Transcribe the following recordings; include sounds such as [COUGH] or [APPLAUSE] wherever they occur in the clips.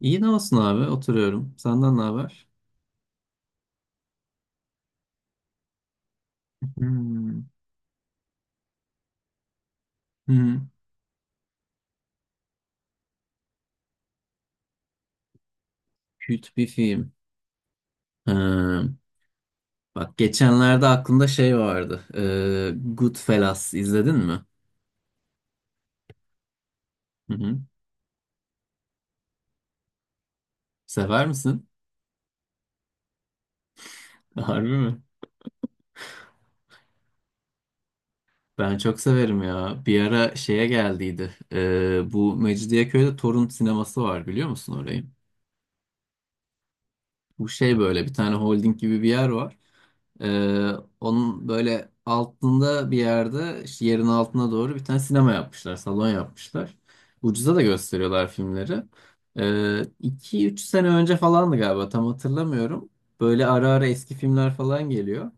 İyi ne olsun abi oturuyorum. Senden ne haber? Hmm. Hmm. Kötü bir film. Ha, bak geçenlerde aklımda şey vardı. Goodfellas izledin mi? Hı hı. Sever misin? [LAUGHS] Harbi mi? Ben çok severim ya. Bir ara şeye geldiydi. Bu Mecidiyeköy'de Torun sineması var, biliyor musun orayı? Bu şey böyle bir tane holding gibi bir yer var. Ee, Onun böyle altında bir yerde işte yerin altına doğru bir tane sinema yapmışlar, salon yapmışlar. Ucuza da gösteriyorlar filmleri. 2-3 sene önce falandı galiba, tam hatırlamıyorum. Böyle ara ara eski filmler falan geliyor.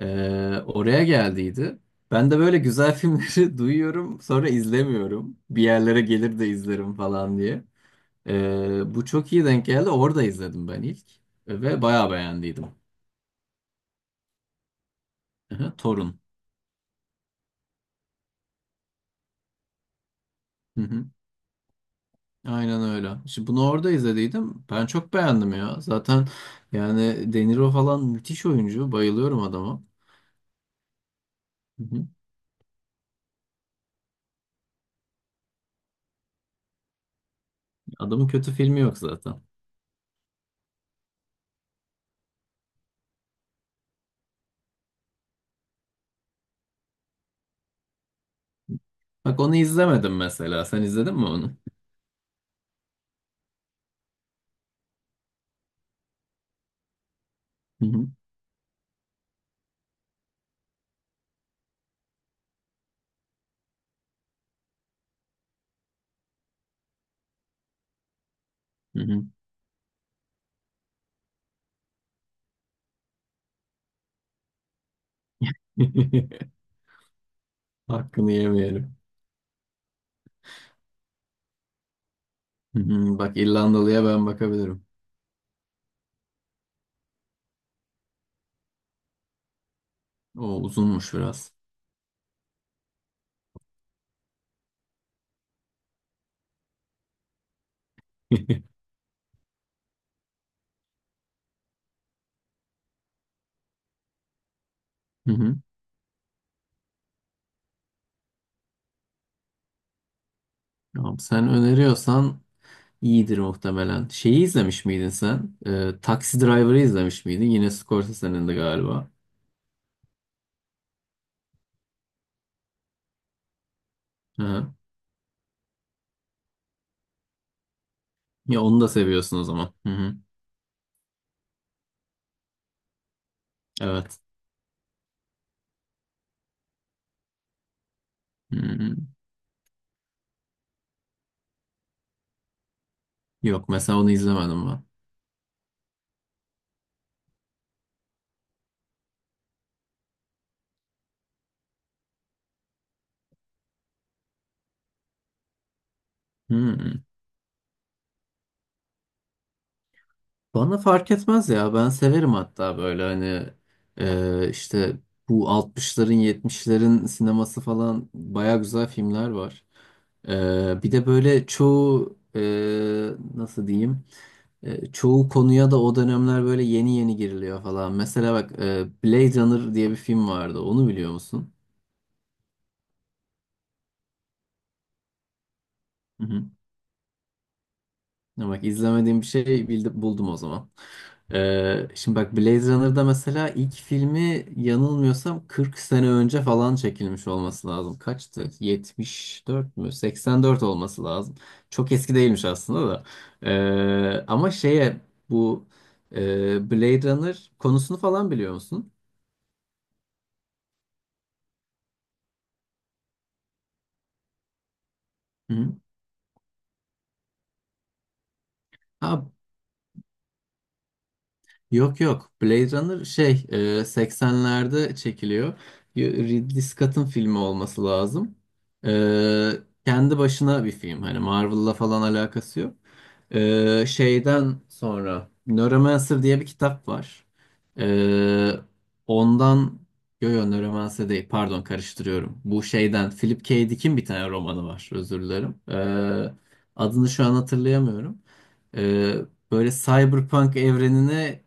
Oraya geldiydi. Ben de böyle güzel filmleri [LAUGHS] duyuyorum sonra izlemiyorum. Bir yerlere gelir de izlerim falan diye. Bu çok iyi denk geldi. Orada izledim ben ilk. Ve bayağı beğendiydim. Hı hı, Torun. Hı hı. Aynen öyle. İşte bunu orada izlediydim. Ben çok beğendim ya. Zaten yani De Niro falan müthiş oyuncu. Bayılıyorum adama. Hı hı. Adamın kötü filmi yok zaten. Bak onu izlemedim mesela. Sen izledin mi onu? Hı hı. Hı hı. [LAUGHS] Hakkını yemeyelim. Hı hı. Bak, İrlandalı'ya ben bakabilirim. O uzunmuş biraz. [LAUGHS] Hı hı. Tamam, sen öneriyorsan iyidir muhtemelen. Şeyi izlemiş miydin sen? Taxi Driver'ı izlemiş miydin? Yine Scorsese'nin de galiba. Hı hı. Ya onu da seviyorsun o zaman. Hı hı. Evet. Hı hı. Yok, mesela onu izlemedim ben. Hı hı. Bana fark etmez ya. Ben severim hatta, böyle hani işte bu 60'ların, 70'lerin sineması falan baya güzel filmler var. Bir de böyle çoğu nasıl diyeyim? Çoğu konuya da o dönemler böyle yeni yeni giriliyor falan. Mesela bak, Blade Runner diye bir film vardı. Onu biliyor musun? Hı hı. Ya bak, izlemediğim bir şey bildi, buldum o zaman. Şimdi bak, Blade Runner'da mesela ilk filmi, yanılmıyorsam 40 sene önce falan çekilmiş olması lazım. Kaçtı? 74 mü? 84 olması lazım. Çok eski değilmiş aslında da. Ama şeye, bu Blade Runner konusunu falan biliyor musun? Hı-hı. Yok yok. Blade Runner şey 80'lerde çekiliyor. Ridley Scott'ın filmi olması lazım. E, Kendi başına bir film. Hani Marvel'la falan alakası yok. Şeyden sonra Neuromancer diye bir kitap var. E, ondan Yo yo, Neuromancer değil, pardon, karıştırıyorum. Bu şeyden, Philip K. Dick'in bir tane romanı var, özür dilerim. Adını şu an hatırlayamıyorum. Ee, Böyle Cyberpunk evrenine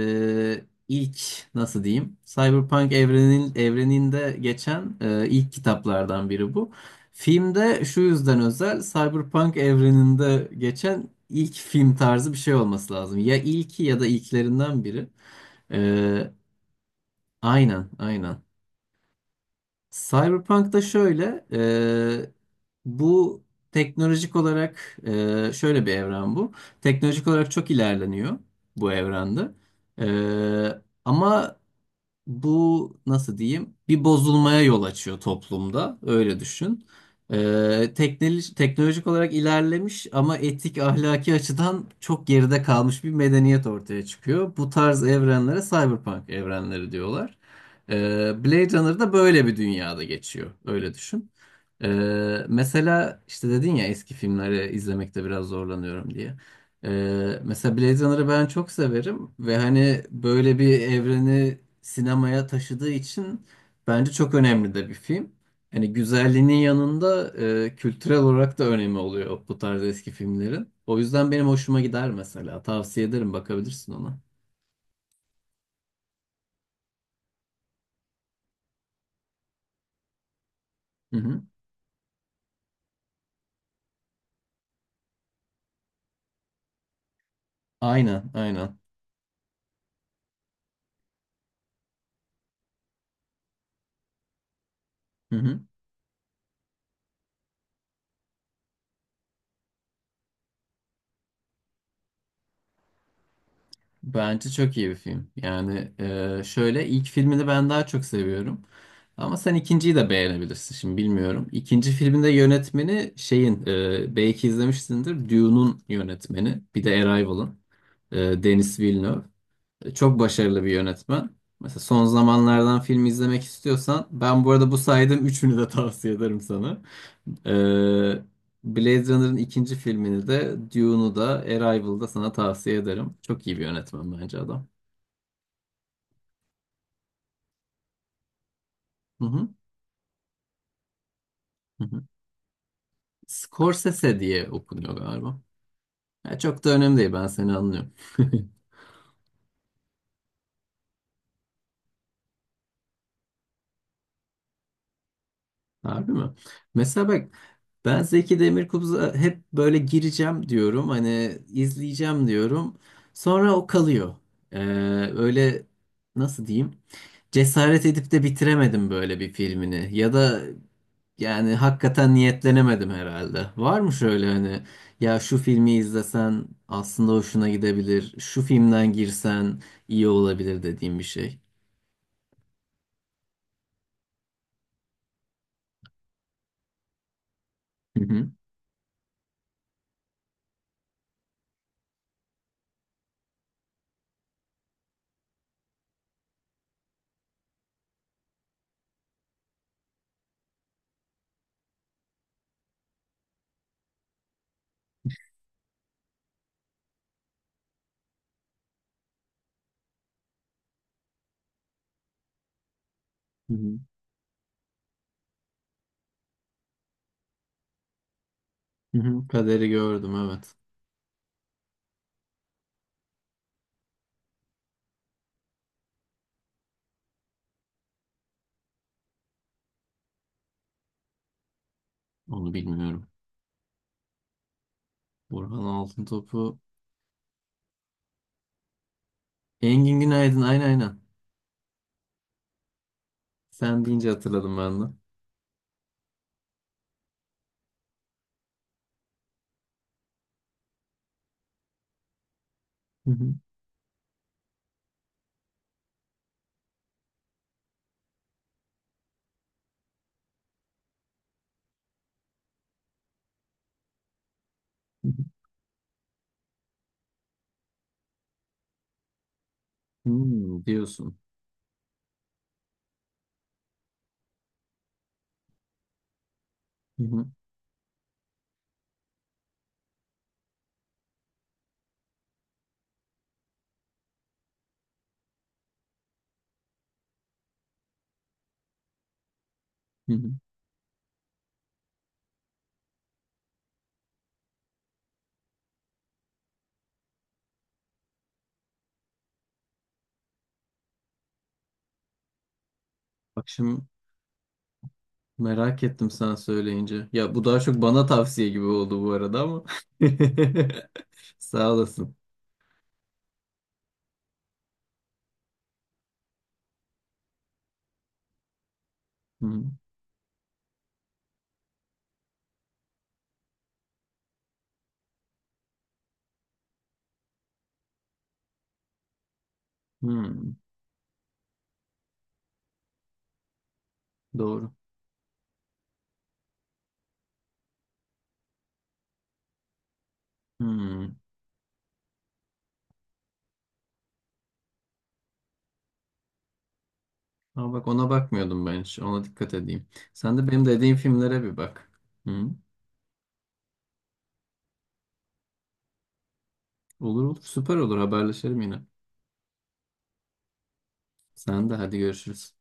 ilk, nasıl diyeyim? Cyberpunk evreninde geçen ilk kitaplardan biri bu. Filmde şu yüzden özel, Cyberpunk evreninde geçen ilk film tarzı bir şey olması lazım. Ya ilki ya da ilklerinden biri. Ee, aynen, aynen. Cyberpunk'ta şöyle, bu teknolojik olarak şöyle bir evren bu. Teknolojik olarak çok ilerleniyor bu evrende. Ama bu, nasıl diyeyim, bir bozulmaya yol açıyor toplumda, öyle düşün. Teknolojik olarak ilerlemiş ama etik ahlaki açıdan çok geride kalmış bir medeniyet ortaya çıkıyor. Bu tarz evrenlere cyberpunk evrenleri diyorlar. Blade Runner da böyle bir dünyada geçiyor, öyle düşün. Mesela işte dedin ya eski filmleri izlemekte biraz zorlanıyorum diye. Mesela Blade Runner'ı ben çok severim ve hani böyle bir evreni sinemaya taşıdığı için bence çok önemli de bir film. Hani güzelliğinin yanında kültürel olarak da önemi oluyor bu tarz eski filmlerin. O yüzden benim hoşuma gider mesela. Tavsiye ederim, bakabilirsin ona. Hı hı. Aynen, aynen. Hı hı. Bence çok iyi bir film. Yani şöyle, ilk filmini ben daha çok seviyorum. Ama sen ikinciyi de beğenebilirsin, şimdi bilmiyorum. İkinci filminde yönetmeni şeyin, belki izlemişsindir, Dune'un yönetmeni. Bir de Arrival'ın Denis Villeneuve. Çok başarılı bir yönetmen. Mesela son zamanlardan film izlemek istiyorsan, ben bu arada bu saydığım üçünü de [LAUGHS] tavsiye ederim sana. Ee, Blade Runner'ın ikinci filmini de, Dune'u da, Arrival'da sana tavsiye ederim. Çok iyi bir yönetmen bence adam. Hı hı, hı hı. Scorsese diye okunuyor galiba. Ya çok da önemli değil, ben seni anlıyorum. [LAUGHS] Harbi mi? Mesela bak, ben Zeki Demirkubuz'a hep böyle gireceğim diyorum. Hani izleyeceğim diyorum. Sonra o kalıyor. Ee, Öyle, nasıl diyeyim? Cesaret edip de bitiremedim böyle bir filmini. Ya da yani hakikaten niyetlenemedim herhalde. Var mı şöyle hani, ya şu filmi izlesen aslında hoşuna gidebilir, şu filmden girsen iyi olabilir dediğim bir şey. Hı hı. Hı hı. Hı hı. Kaderi gördüm, evet. Onu bilmiyorum. Burhan Altıntop'u. Engin Günaydın. Aynen aynen. Sen deyince hatırladım ben de. Hı hı, hı hı. Hmm, diyorsun. Hı hı, hı hı. Bak şimdi, merak ettim sen söyleyince. Ya bu daha çok bana tavsiye gibi oldu bu arada ama. [LAUGHS] Sağ olasın. Hı hı, hı. Doğru. Hı. Ama bak, ona bakmıyordum ben hiç. Ona dikkat edeyim. Sen de benim dediğim filmlere bir bak. Hı. Olur olur. Süper olur. Haberleşelim yine. Sen de hadi, görüşürüz.